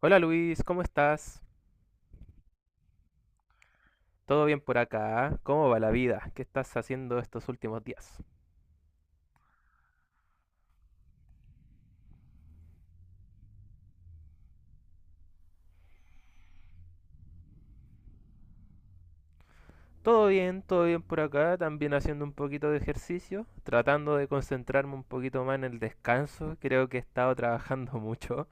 Hola Luis, ¿cómo estás? ¿Todo bien por acá? ¿Cómo va la vida? ¿Qué estás haciendo estos últimos días? Todo bien por acá, también haciendo un poquito de ejercicio, tratando de concentrarme un poquito más en el descanso. Creo que he estado trabajando mucho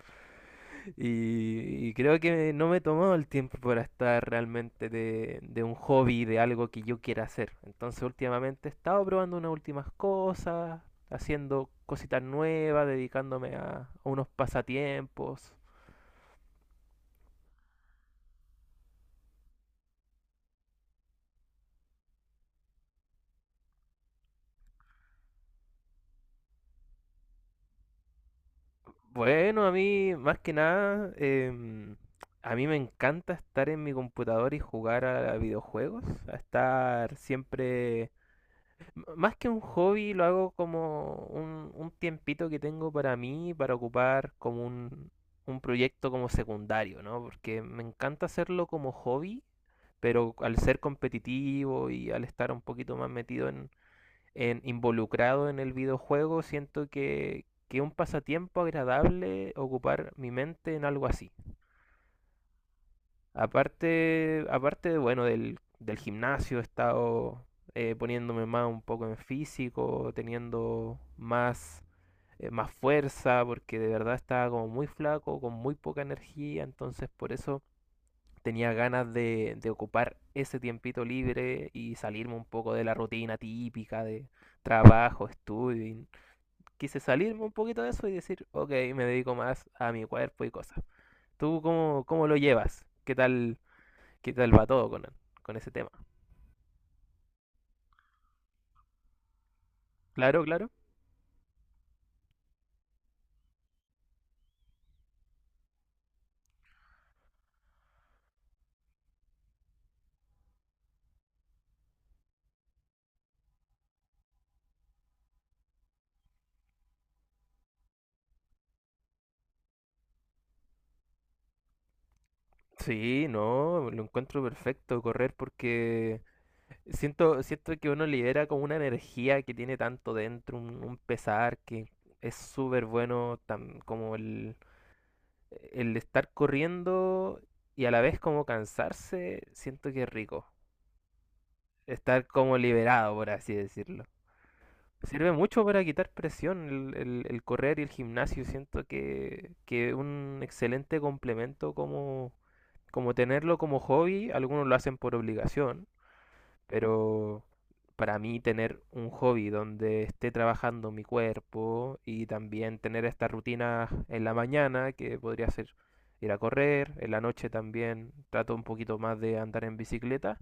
y creo que no me he tomado el tiempo para estar realmente de un hobby, de algo que yo quiera hacer. Entonces últimamente he estado probando unas últimas cosas, haciendo cositas nuevas, dedicándome a unos pasatiempos. Bueno, a mí, más que nada, a mí me encanta estar en mi computador y jugar a videojuegos, a estar siempre, más que un hobby, lo hago como un tiempito que tengo para mí, para ocupar como un proyecto como secundario, ¿no? Porque me encanta hacerlo como hobby, pero al ser competitivo y al estar un poquito más metido involucrado en el videojuego, siento que es un pasatiempo agradable ocupar mi mente en algo así. Aparte, aparte de, bueno, del gimnasio he estado poniéndome más un poco en físico, teniendo más, más fuerza, porque de verdad estaba como muy flaco, con muy poca energía. Entonces por eso tenía ganas de ocupar ese tiempito libre y salirme un poco de la rutina típica de trabajo, estudio, y quise salirme un poquito de eso y decir, ok, me dedico más a mi cuerpo y cosas. ¿Tú cómo, cómo lo llevas? Qué tal va todo con ese tema? Claro, claro. Sí, no, lo encuentro perfecto correr porque siento, siento que uno libera como una energía que tiene tanto dentro, un pesar que es súper bueno como el estar corriendo y a la vez como cansarse, siento que es rico. Estar como liberado, por así decirlo. Sirve mucho para quitar presión el, el correr y el gimnasio. Siento que un excelente complemento como, como tenerlo como hobby. Algunos lo hacen por obligación, pero para mí tener un hobby donde esté trabajando mi cuerpo y también tener estas rutinas en la mañana, que podría ser ir a correr, en la noche también trato un poquito más de andar en bicicleta,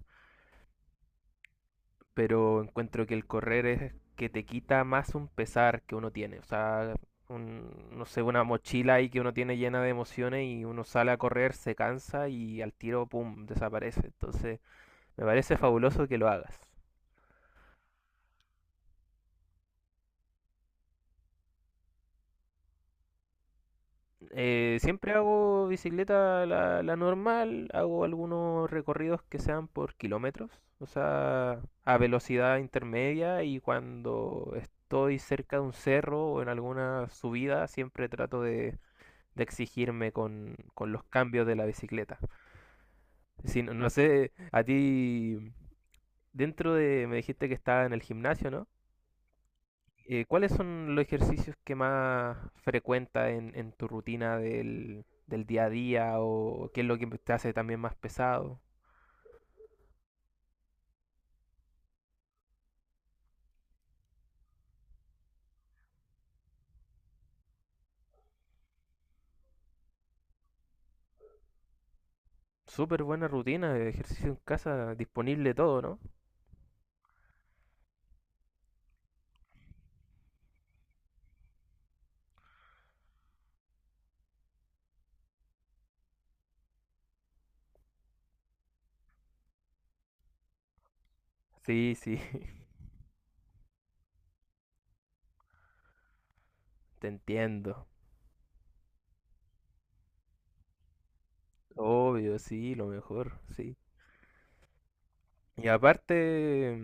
pero encuentro que el correr es que te quita más un pesar que uno tiene. O sea, un, no sé, una mochila ahí que uno tiene llena de emociones y uno sale a correr, se cansa y al tiro, ¡pum!, desaparece. Entonces, me parece fabuloso que lo hagas. Siempre hago bicicleta la, la normal, hago algunos recorridos que sean por kilómetros, o sea, a velocidad intermedia, y cuando estoy cerca de un cerro o en alguna subida siempre trato de exigirme con los cambios de la bicicleta. Si, no, no sé, a ti, dentro de, me dijiste que estaba en el gimnasio, ¿no? ¿Cuáles son los ejercicios que más frecuentas en tu rutina del, del día a día, o qué es lo que te hace también más pesado? Súper buena rutina, ejercicio en casa, disponible todo, ¿no? Sí, sí, te entiendo. Obvio, sí, lo mejor, sí. Y aparte,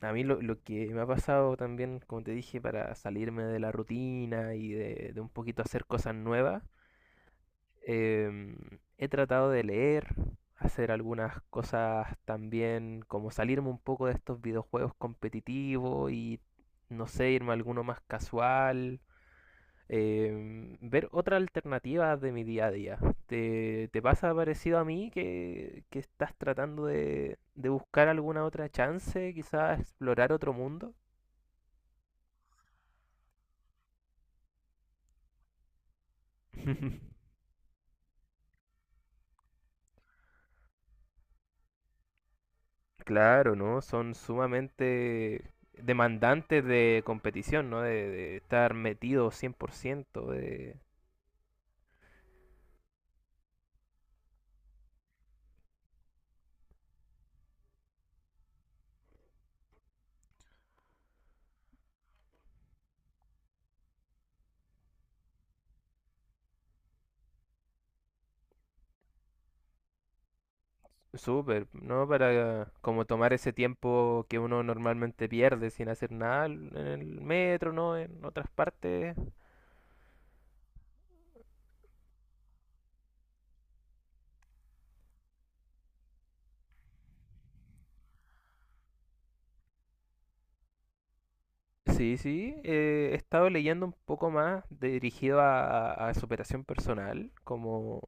a mí lo que me ha pasado también, como te dije, para salirme de la rutina y de un poquito hacer cosas nuevas, em, he tratado de leer, hacer algunas cosas también, como salirme un poco de estos videojuegos competitivos no sé, irme a alguno más casual, ver otra alternativa de mi día a día. ¿Te, te pasa parecido a mí que estás tratando de buscar alguna otra chance, quizás explorar otro mundo? Claro, ¿no? Son sumamente demandantes de competición, ¿no? De estar metido 100%, de... Súper, ¿no? Para como tomar ese tiempo que uno normalmente pierde sin hacer nada en el metro, ¿no? En otras partes, sí, sí, he estado leyendo un poco más dirigido a, a superación personal, como,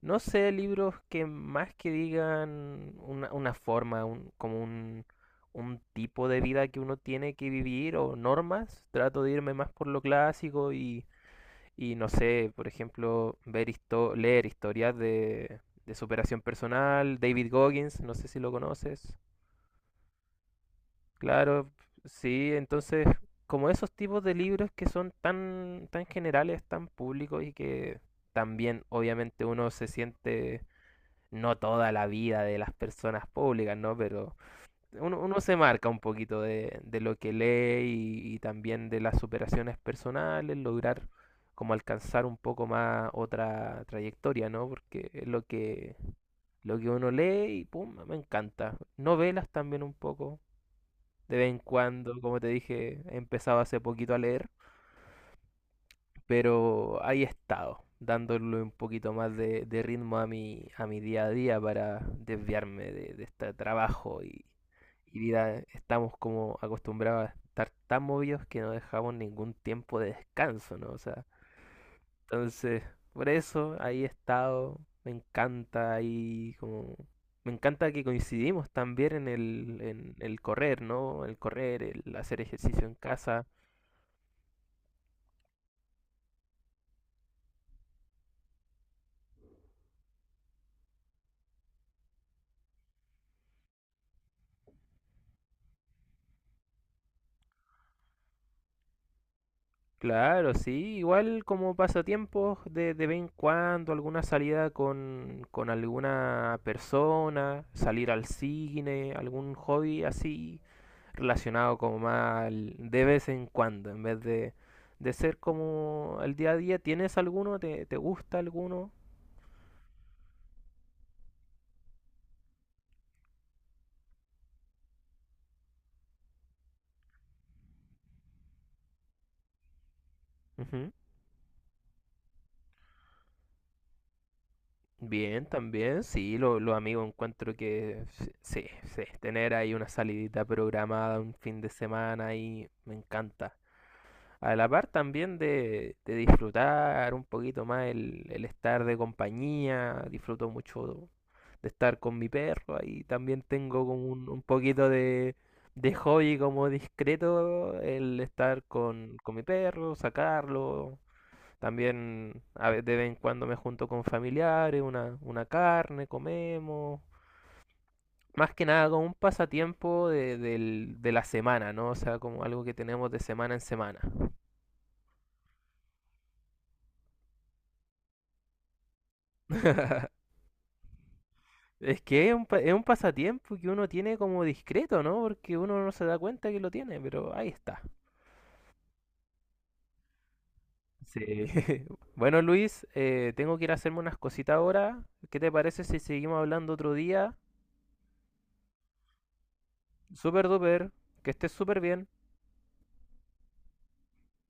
no sé, libros que más que digan una forma, como un tipo de vida que uno tiene que vivir o normas, trato de irme más por lo clásico y no sé, por ejemplo, ver leer historias de superación personal, David Goggins, no sé si lo conoces. Claro, sí, entonces, como esos tipos de libros que son tan, tan generales, tan públicos, y que también obviamente uno se siente, no toda la vida de las personas públicas, ¿no? Pero uno, uno se marca un poquito de lo que lee, y también de las superaciones personales, lograr como alcanzar un poco más otra trayectoria, ¿no? Porque es lo que uno lee y pum, me encanta. Novelas también un poco. De vez en cuando, como te dije, he empezado hace poquito a leer, pero ahí he estado dándole un poquito más de ritmo a mi día a día, para desviarme de este trabajo y vida. Estamos como acostumbrados a estar tan movidos que no dejamos ningún tiempo de descanso, ¿no? O sea, entonces, por eso ahí he estado, me encanta ahí como... Me encanta que coincidimos también en el correr, ¿no? El correr, el hacer ejercicio en casa. Claro, sí, igual como pasatiempos de vez en cuando, alguna salida con alguna persona, salir al cine, algún hobby así relacionado como más de vez en cuando, en vez de ser como el día a día. ¿Tienes alguno? ¿Te, te gusta alguno? Ujú. Bien, también, sí, los amigos encuentro que sí, sí, tener ahí una salidita programada un fin de semana ahí me encanta. A la par también de disfrutar un poquito más el estar de compañía, disfruto mucho de estar con mi perro, ahí también tengo como un poquito de hobby como discreto el estar con mi perro, sacarlo, también a de vez en cuando me junto con familiares, una carne, comemos. Más que nada como un pasatiempo de, de la semana, ¿no? O sea, como algo que tenemos de semana en semana. Es que es un, es un pasatiempo que uno tiene como discreto, ¿no? Porque uno no se da cuenta que lo tiene, pero ahí está. Sí. Bueno, Luis, tengo que ir a hacerme unas cositas ahora. ¿Qué te parece si seguimos hablando otro día? Super duper, que estés súper bien.